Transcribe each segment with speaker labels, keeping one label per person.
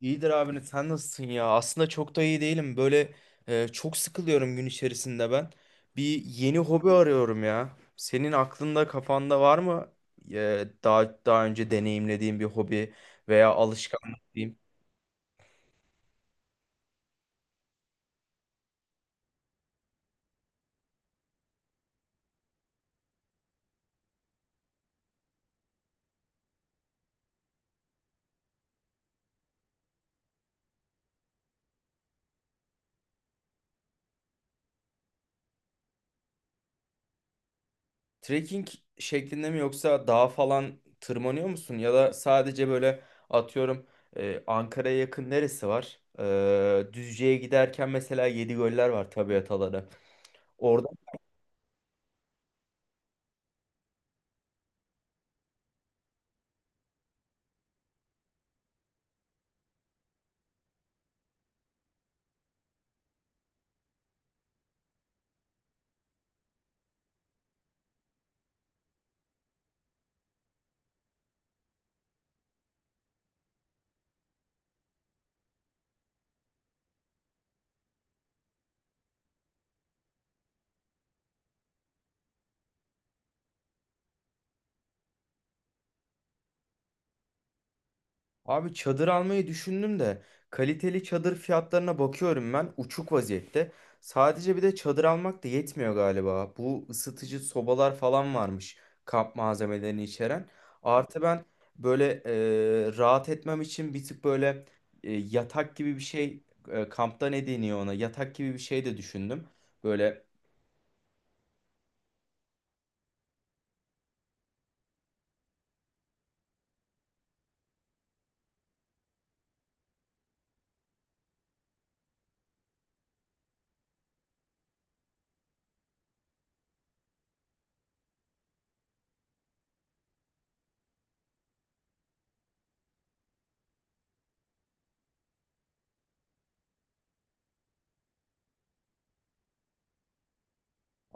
Speaker 1: İyidir abi, sen nasılsın ya? Aslında çok da iyi değilim. Böyle çok sıkılıyorum gün içerisinde ben. Bir yeni hobi arıyorum ya. Senin aklında kafanda var mı daha önce deneyimlediğin bir hobi veya alışkanlık diyeyim? Trekking şeklinde mi yoksa dağ falan tırmanıyor musun? Ya da sadece böyle atıyorum, Ankara'ya yakın neresi var? Düzce'ye giderken mesela Yedigöller var, tabiat alanı. Abi çadır almayı düşündüm de kaliteli çadır fiyatlarına bakıyorum, ben uçuk vaziyette. Sadece bir de çadır almak da yetmiyor galiba. Bu ısıtıcı sobalar falan varmış kamp malzemelerini içeren. Artı ben böyle rahat etmem için bir tık böyle yatak gibi bir şey, kampta ne deniyor ona, yatak gibi bir şey de düşündüm. Böyle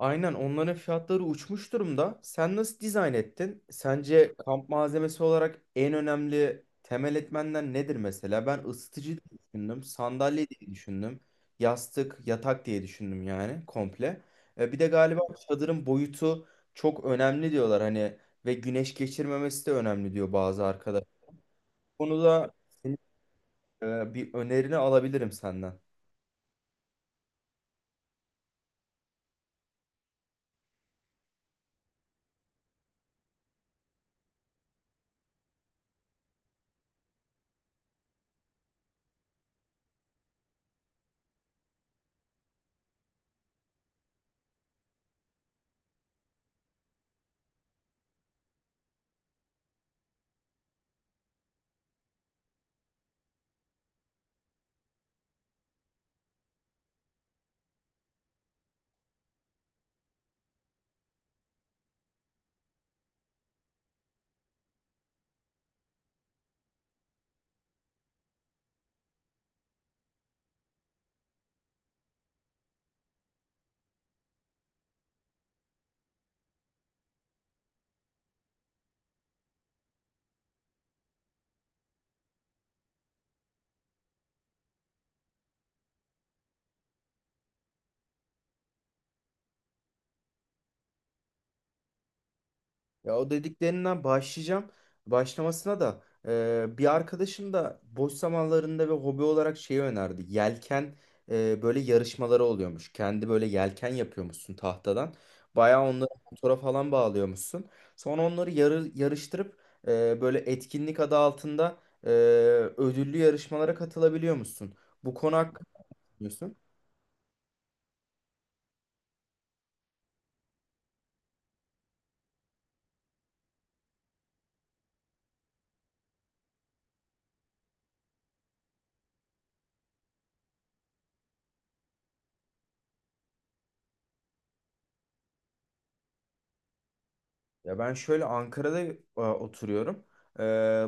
Speaker 1: aynen onların fiyatları uçmuş durumda. Sen nasıl dizayn ettin? Sence kamp malzemesi olarak en önemli temel etmenler nedir mesela? Ben ısıtıcı diye düşündüm, sandalye diye düşündüm, yastık, yatak diye düşündüm yani komple. Bir de galiba çadırın boyutu çok önemli diyorlar hani, ve güneş geçirmemesi de önemli diyor bazı arkadaş. Bu konuda senin bir önerini alabilirim senden. Ya o dediklerinden başlayacağım. Başlamasına da bir arkadaşım da boş zamanlarında ve hobi olarak şeyi önerdi. Yelken, böyle yarışmaları oluyormuş. Kendi böyle yelken yapıyormuşsun tahtadan. Bayağı onları motora falan bağlıyormuşsun. Sonra onları yarıştırıp böyle etkinlik adı altında, e, ödüllü yarışmalara katılabiliyormuşsun. Bu konu hakkında ne düşünüyorsun? Ya ben şöyle Ankara'da oturuyorum. Ee,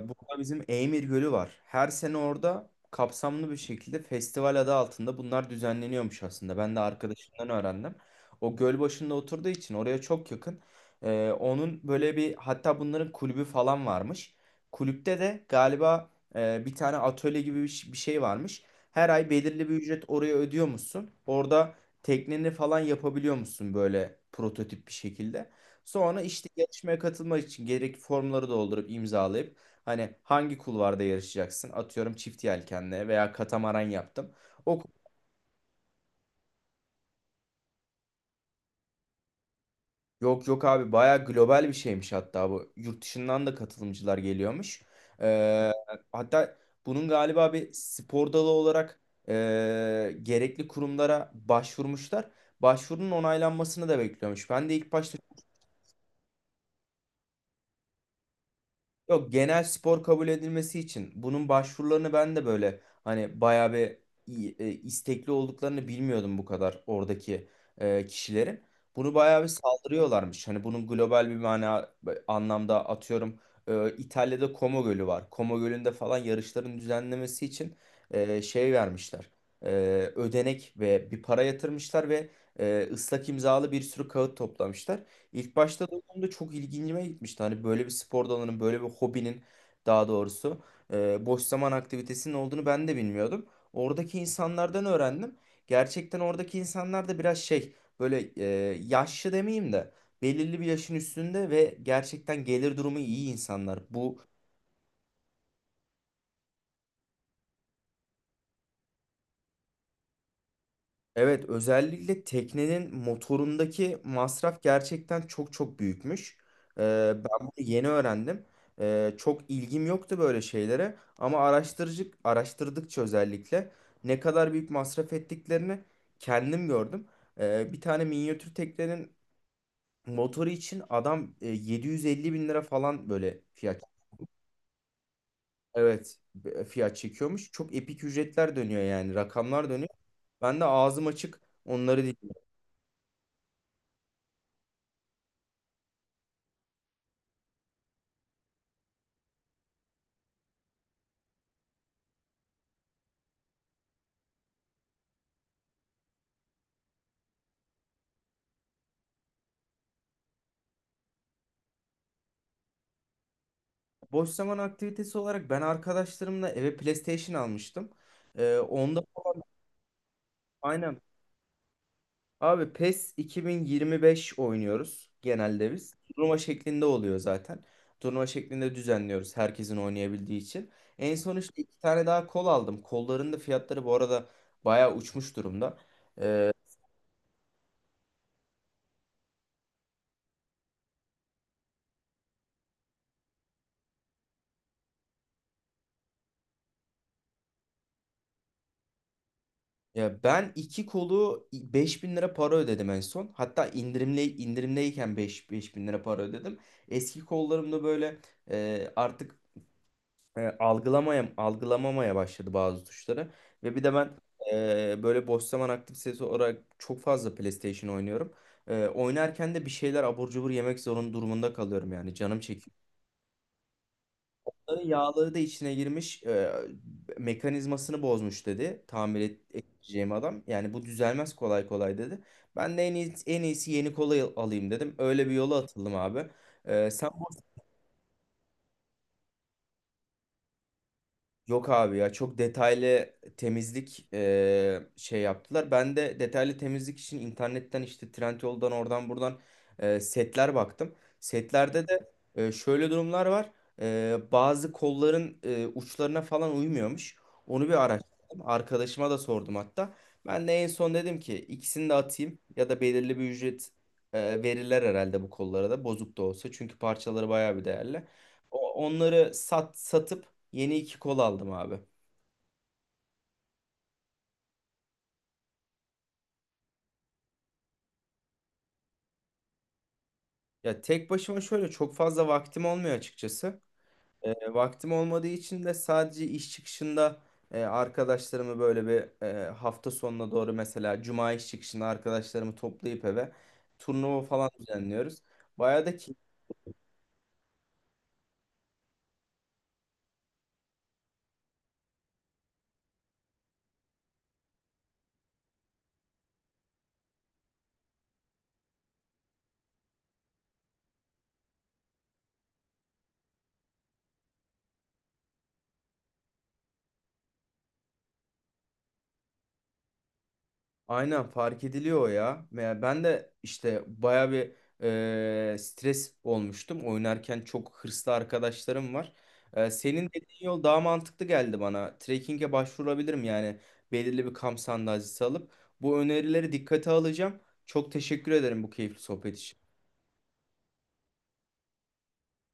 Speaker 1: burada bizim Eymir Gölü var. Her sene orada kapsamlı bir şekilde festival adı altında bunlar düzenleniyormuş aslında. Ben de arkadaşımdan öğrendim. O göl başında oturduğu için oraya çok yakın. Onun böyle bir, hatta bunların kulübü falan varmış. Kulüpte de galiba bir tane atölye gibi bir şey varmış. Her ay belirli bir ücret oraya ödüyormuşsun. Orada tekneni falan yapabiliyormuşsun böyle prototip bir şekilde. Sonra işte yarışmaya katılmak için gerekli formları doldurup imzalayıp hani hangi kulvarda yarışacaksın? Atıyorum çift yelkenle veya katamaran yaptım. O kul- Yok yok abi, bayağı global bir şeymiş hatta bu. Yurt dışından da katılımcılar geliyormuş. Ee, hatta bunun galiba bir spor dalı olarak gerekli kurumlara başvurmuşlar. Başvurunun onaylanmasını da bekliyormuş. Ben de ilk başta yok, genel spor kabul edilmesi için bunun başvurularını, ben de böyle hani bayağı bir istekli olduklarını bilmiyordum, bu kadar oradaki kişilerin. Bunu bayağı bir saldırıyorlarmış. Hani bunun global bir mana, anlamda, atıyorum İtalya'da Como Gölü var. Como Gölü'nde falan yarışların düzenlemesi için şey vermişler. E, ödenek ve bir para yatırmışlar ve ıslak imzalı bir sürü kağıt toplamışlar. İlk başta duyduğumda çok ilgincime gitmişti. Hani böyle bir spor dalının, böyle bir hobinin daha doğrusu boş zaman aktivitesinin olduğunu ben de bilmiyordum. Oradaki insanlardan öğrendim. Gerçekten oradaki insanlar da biraz şey, böyle yaşlı demeyeyim de belirli bir yaşın üstünde ve gerçekten gelir durumu iyi insanlar. Bu evet, özellikle teknenin motorundaki masraf gerçekten çok çok büyükmüş. Ee, ben bunu yeni öğrendim. Çok ilgim yoktu böyle şeylere ama araştırıcı araştırdıkça özellikle ne kadar büyük masraf ettiklerini kendim gördüm. Bir tane minyatür teknenin motoru için adam 750 bin lira falan böyle fiyat. Evet, fiyat çekiyormuş. Çok epik ücretler dönüyor yani, rakamlar dönüyor. Ben de ağzım açık onları boş zaman aktivitesi olarak ben arkadaşlarımla eve PlayStation almıştım. Onda aynen abi PES 2025 oynuyoruz genelde biz. Turnuva şeklinde oluyor zaten. Turnuva şeklinde düzenliyoruz herkesin oynayabildiği için. En son işte iki tane daha kol aldım. Kolların da fiyatları bu arada bayağı uçmuş durumda. Ee, ya ben iki kolu 5000 lira para ödedim en son. Hatta indirimdeyken 5 bin lira para ödedim. Eski kollarımda böyle e, artık algılamamaya başladı bazı tuşları. Ve bir de ben böyle boş zaman aktivitesi olarak çok fazla PlayStation oynuyorum. Oynarken de bir şeyler abur cubur yemek zorun durumunda kalıyorum yani, canım çekiyor. Bunların yağları da içine girmiş, mekanizmasını bozmuş dedi, tamir edeceğim adam. Yani bu düzelmez kolay kolay dedi. Ben de en iyisi yeni kola alayım dedim. Öyle bir yola atıldım abi. E, sen Yok abi ya, çok detaylı temizlik şey yaptılar. Ben de detaylı temizlik için internetten işte Trendyol'dan, oradan buradan setler baktım. Setlerde de şöyle durumlar var. Bazı kolların uçlarına falan uymuyormuş. Onu bir araştırdım. Arkadaşıma da sordum hatta. Ben de en son dedim ki, ikisini de atayım ya da belirli bir ücret verirler herhalde bu kollara da, bozuk da olsa. Çünkü parçaları bayağı bir değerli. Onları satıp yeni iki kol aldım abi. Ya tek başıma şöyle çok fazla vaktim olmuyor açıkçası. Vaktim olmadığı için de sadece iş çıkışında arkadaşlarımı böyle bir, hafta sonuna doğru mesela cuma iş çıkışında arkadaşlarımı toplayıp eve turnuva falan düzenliyoruz. Bayağı da keyifli, aynen fark ediliyor o ya. Ve ben de işte baya bir stres olmuştum. Oynarken çok hırslı arkadaşlarım var. Senin dediğin yol daha mantıklı geldi bana. Trekking'e başvurabilirim yani, belirli bir kamp sandalyesi alıp. Bu önerileri dikkate alacağım. Çok teşekkür ederim bu keyifli sohbet için.